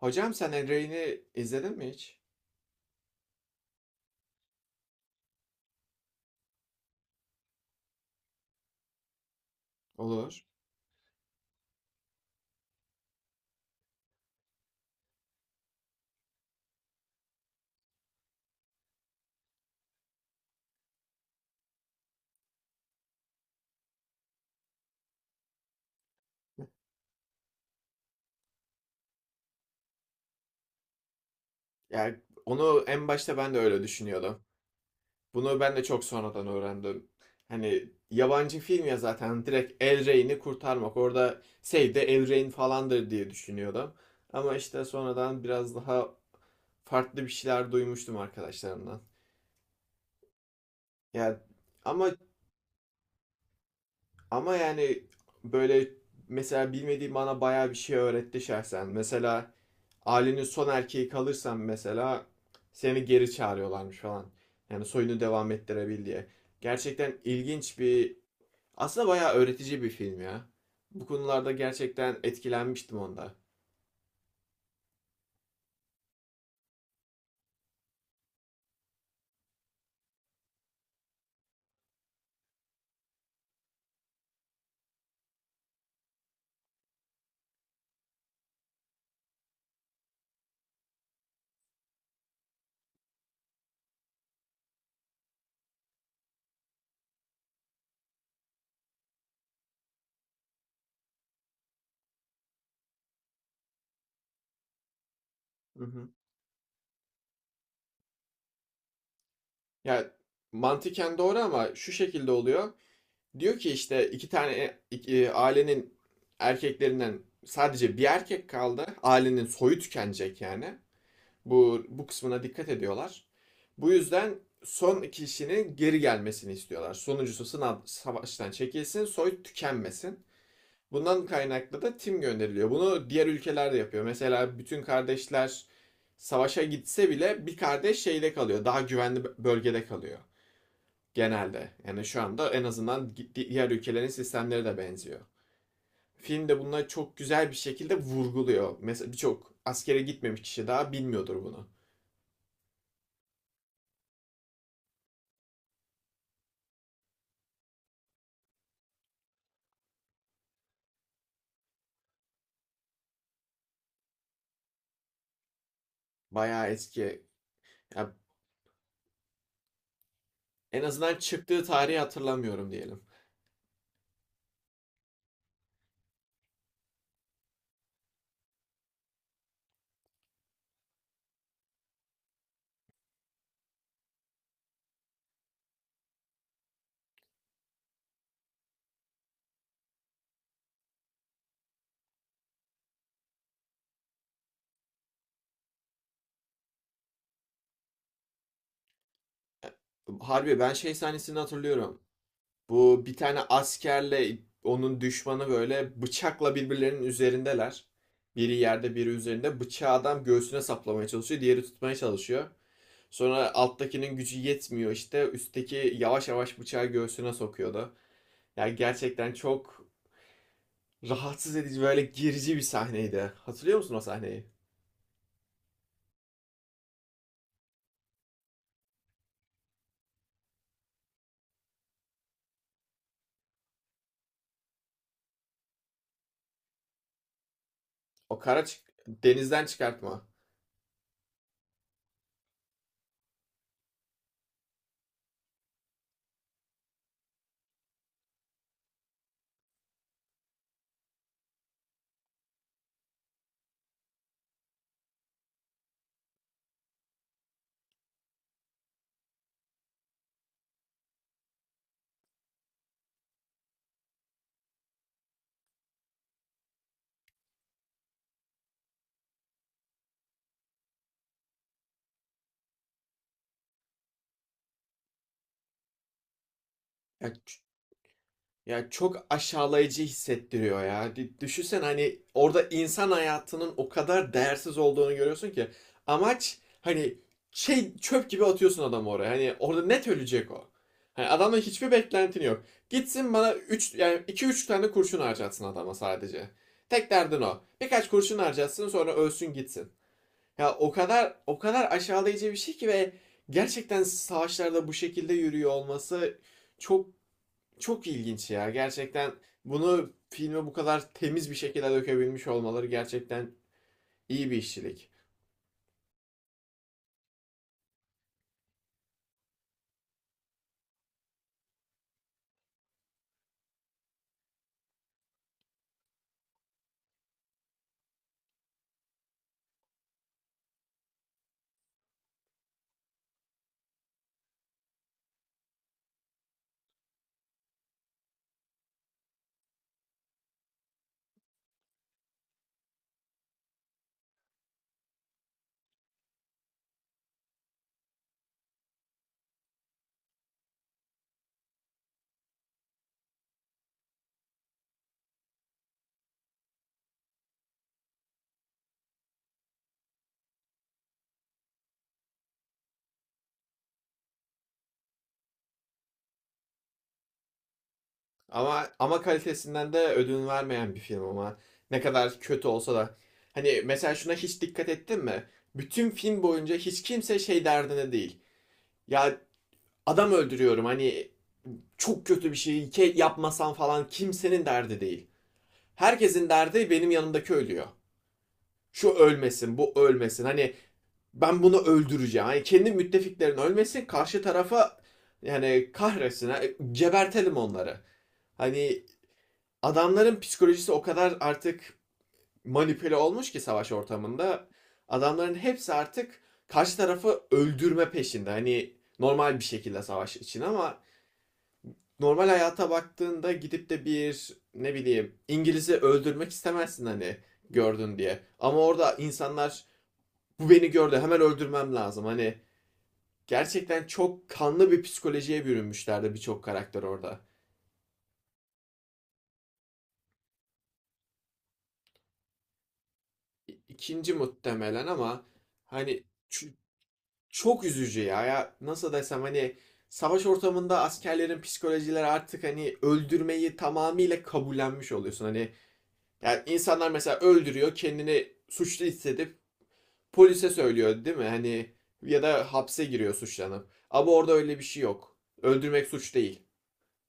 Hocam sen El Rey'ni izledin mi hiç? Olur. Yani onu en başta ben de öyle düşünüyordum. Bunu ben de çok sonradan öğrendim. Hani yabancı film ya, zaten direkt El Rey'ni kurtarmak. Orada Save the El Rey'in falandır diye düşünüyordum. Ama işte sonradan biraz daha farklı bir şeyler duymuştum arkadaşlarımdan. Ya ama ama yani böyle, mesela bilmediğim bana bayağı bir şey öğretti şahsen. Mesela ailenin son erkeği kalırsan, mesela seni geri çağırıyorlarmış falan. Yani soyunu devam ettirebil diye. Gerçekten ilginç bir, aslında bayağı öğretici bir film ya. Bu konularda gerçekten etkilenmiştim onda. Hı hı. Ya mantıken doğru ama şu şekilde oluyor. Diyor ki işte iki tane ailenin erkeklerinden sadece bir erkek kaldı. Ailenin soyu tükenecek yani. Bu kısmına dikkat ediyorlar. Bu yüzden son kişinin geri gelmesini istiyorlar. Sonuncusu sınav savaştan çekilsin, soy tükenmesin. Bundan kaynaklı da tim gönderiliyor. Bunu diğer ülkeler de yapıyor. Mesela bütün kardeşler savaşa gitse bile bir kardeş şeyde kalıyor. Daha güvenli bölgede kalıyor genelde. Yani şu anda en azından diğer ülkelerin sistemleri de benziyor. Film de bunları çok güzel bir şekilde vurguluyor. Mesela birçok askere gitmemiş kişi daha bilmiyordur bunu. Bayağı eski. Ya en azından çıktığı tarihi hatırlamıyorum diyelim. Harbi ben şey sahnesini hatırlıyorum. Bu, bir tane askerle onun düşmanı böyle bıçakla birbirlerinin üzerindeler. Biri yerde, biri üzerinde. Bıçağı adam göğsüne saplamaya çalışıyor. Diğeri tutmaya çalışıyor. Sonra alttakinin gücü yetmiyor, işte üstteki yavaş yavaş bıçağı göğsüne sokuyordu. Yani gerçekten çok rahatsız edici, böyle gerici bir sahneydi. Hatırlıyor musun o sahneyi? O kara denizden çıkartma. Ya. Ya çok aşağılayıcı hissettiriyor ya. Düşünsen, hani orada insan hayatının o kadar değersiz olduğunu görüyorsun ki, amaç hani şey, çöp gibi atıyorsun adamı oraya. Hani orada net ölecek o. Hani adamla hiçbir beklentin yok. Gitsin bana üç, yani 2 3 tane kurşun harcatsın adama sadece. Tek derdin o. Birkaç kurşun harcatsın, sonra ölsün gitsin. Ya o kadar, o kadar aşağılayıcı bir şey ki ve gerçekten savaşlarda bu şekilde yürüyor olması çok çok ilginç ya. Gerçekten bunu filme bu kadar temiz bir şekilde dökebilmiş olmaları gerçekten iyi bir işçilik. Ama kalitesinden de ödün vermeyen bir film ama, ne kadar kötü olsa da hani mesela şuna hiç dikkat ettin mi? Bütün film boyunca hiç kimse şey derdine değil. Ya adam öldürüyorum, hani çok kötü bir şey yapmasan falan, kimsenin derdi değil. Herkesin derdi benim yanımdaki ölüyor. Şu ölmesin, bu ölmesin. Hani ben bunu öldüreceğim. Yani kendi müttefiklerin ölmesin, karşı tarafa yani Kahresine ha, gebertelim onları. Hani adamların psikolojisi o kadar artık manipüle olmuş ki savaş ortamında adamların hepsi artık karşı tarafı öldürme peşinde. Hani normal bir şekilde savaş için ama normal hayata baktığında gidip de bir, ne bileyim, İngiliz'i öldürmek istemezsin hani, gördün diye. Ama orada insanlar, bu beni gördü, hemen öldürmem lazım. Hani gerçekten çok kanlı bir psikolojiye bürünmüşlerdi birçok karakter orada. İkinci muhtemelen ama hani, ç- çok üzücü ya. Ya nasıl desem, hani savaş ortamında askerlerin psikolojileri artık hani öldürmeyi tamamıyla kabullenmiş oluyorsun. Hani yani insanlar mesela öldürüyor, kendini suçlu hissedip polise söylüyor değil mi? Hani ya da hapse giriyor suçlanıp. Ama orada öyle bir şey yok. Öldürmek suç değil.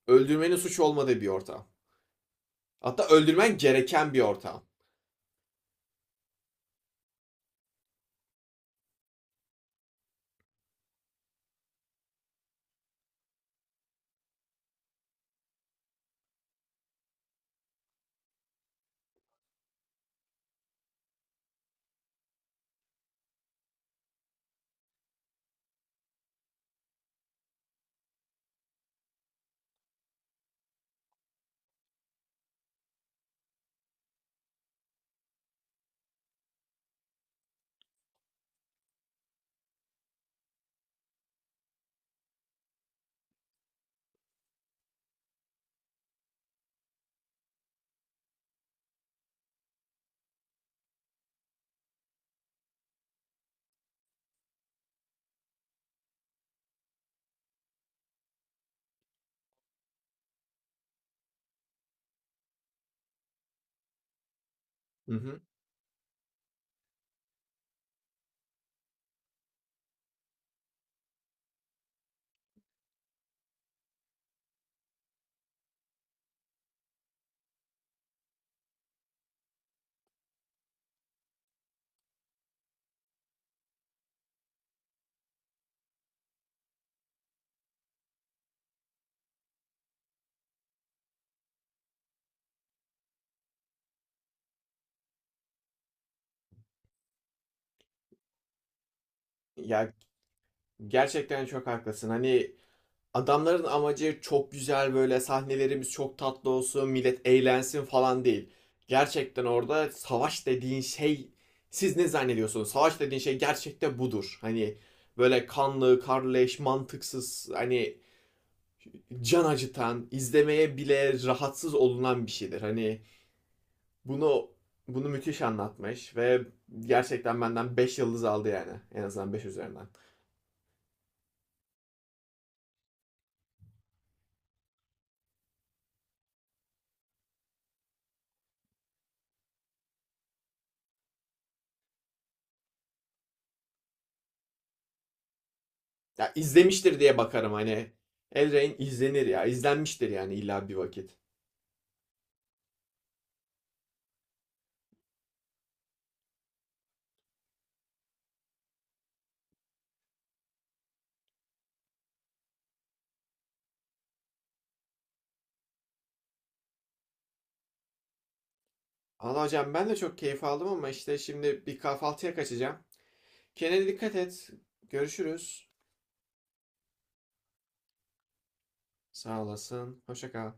Öldürmenin suç olmadığı bir ortam. Hatta öldürmen gereken bir ortam. Hı hı. Ya gerçekten çok haklısın. Hani adamların amacı çok güzel, böyle sahnelerimiz çok tatlı olsun, millet eğlensin falan değil. Gerçekten orada savaş dediğin şey, siz ne zannediyorsunuz? Savaş dediğin şey gerçekten budur. Hani böyle kanlı, karleş, mantıksız, hani can acıtan, izlemeye bile rahatsız olunan bir şeydir. Hani bunu bunu müthiş anlatmış ve gerçekten benden 5 yıldız aldı yani. En azından 5 üzerinden. Ya izlemiştir diye bakarım hani. Elrain izlenir ya. İzlenmiştir yani illa bir vakit. Allah hocam, ben de çok keyif aldım ama işte şimdi bir kahvaltıya kaçacağım. Kendine dikkat et. Görüşürüz. Sağ olasın. Hoşça kal.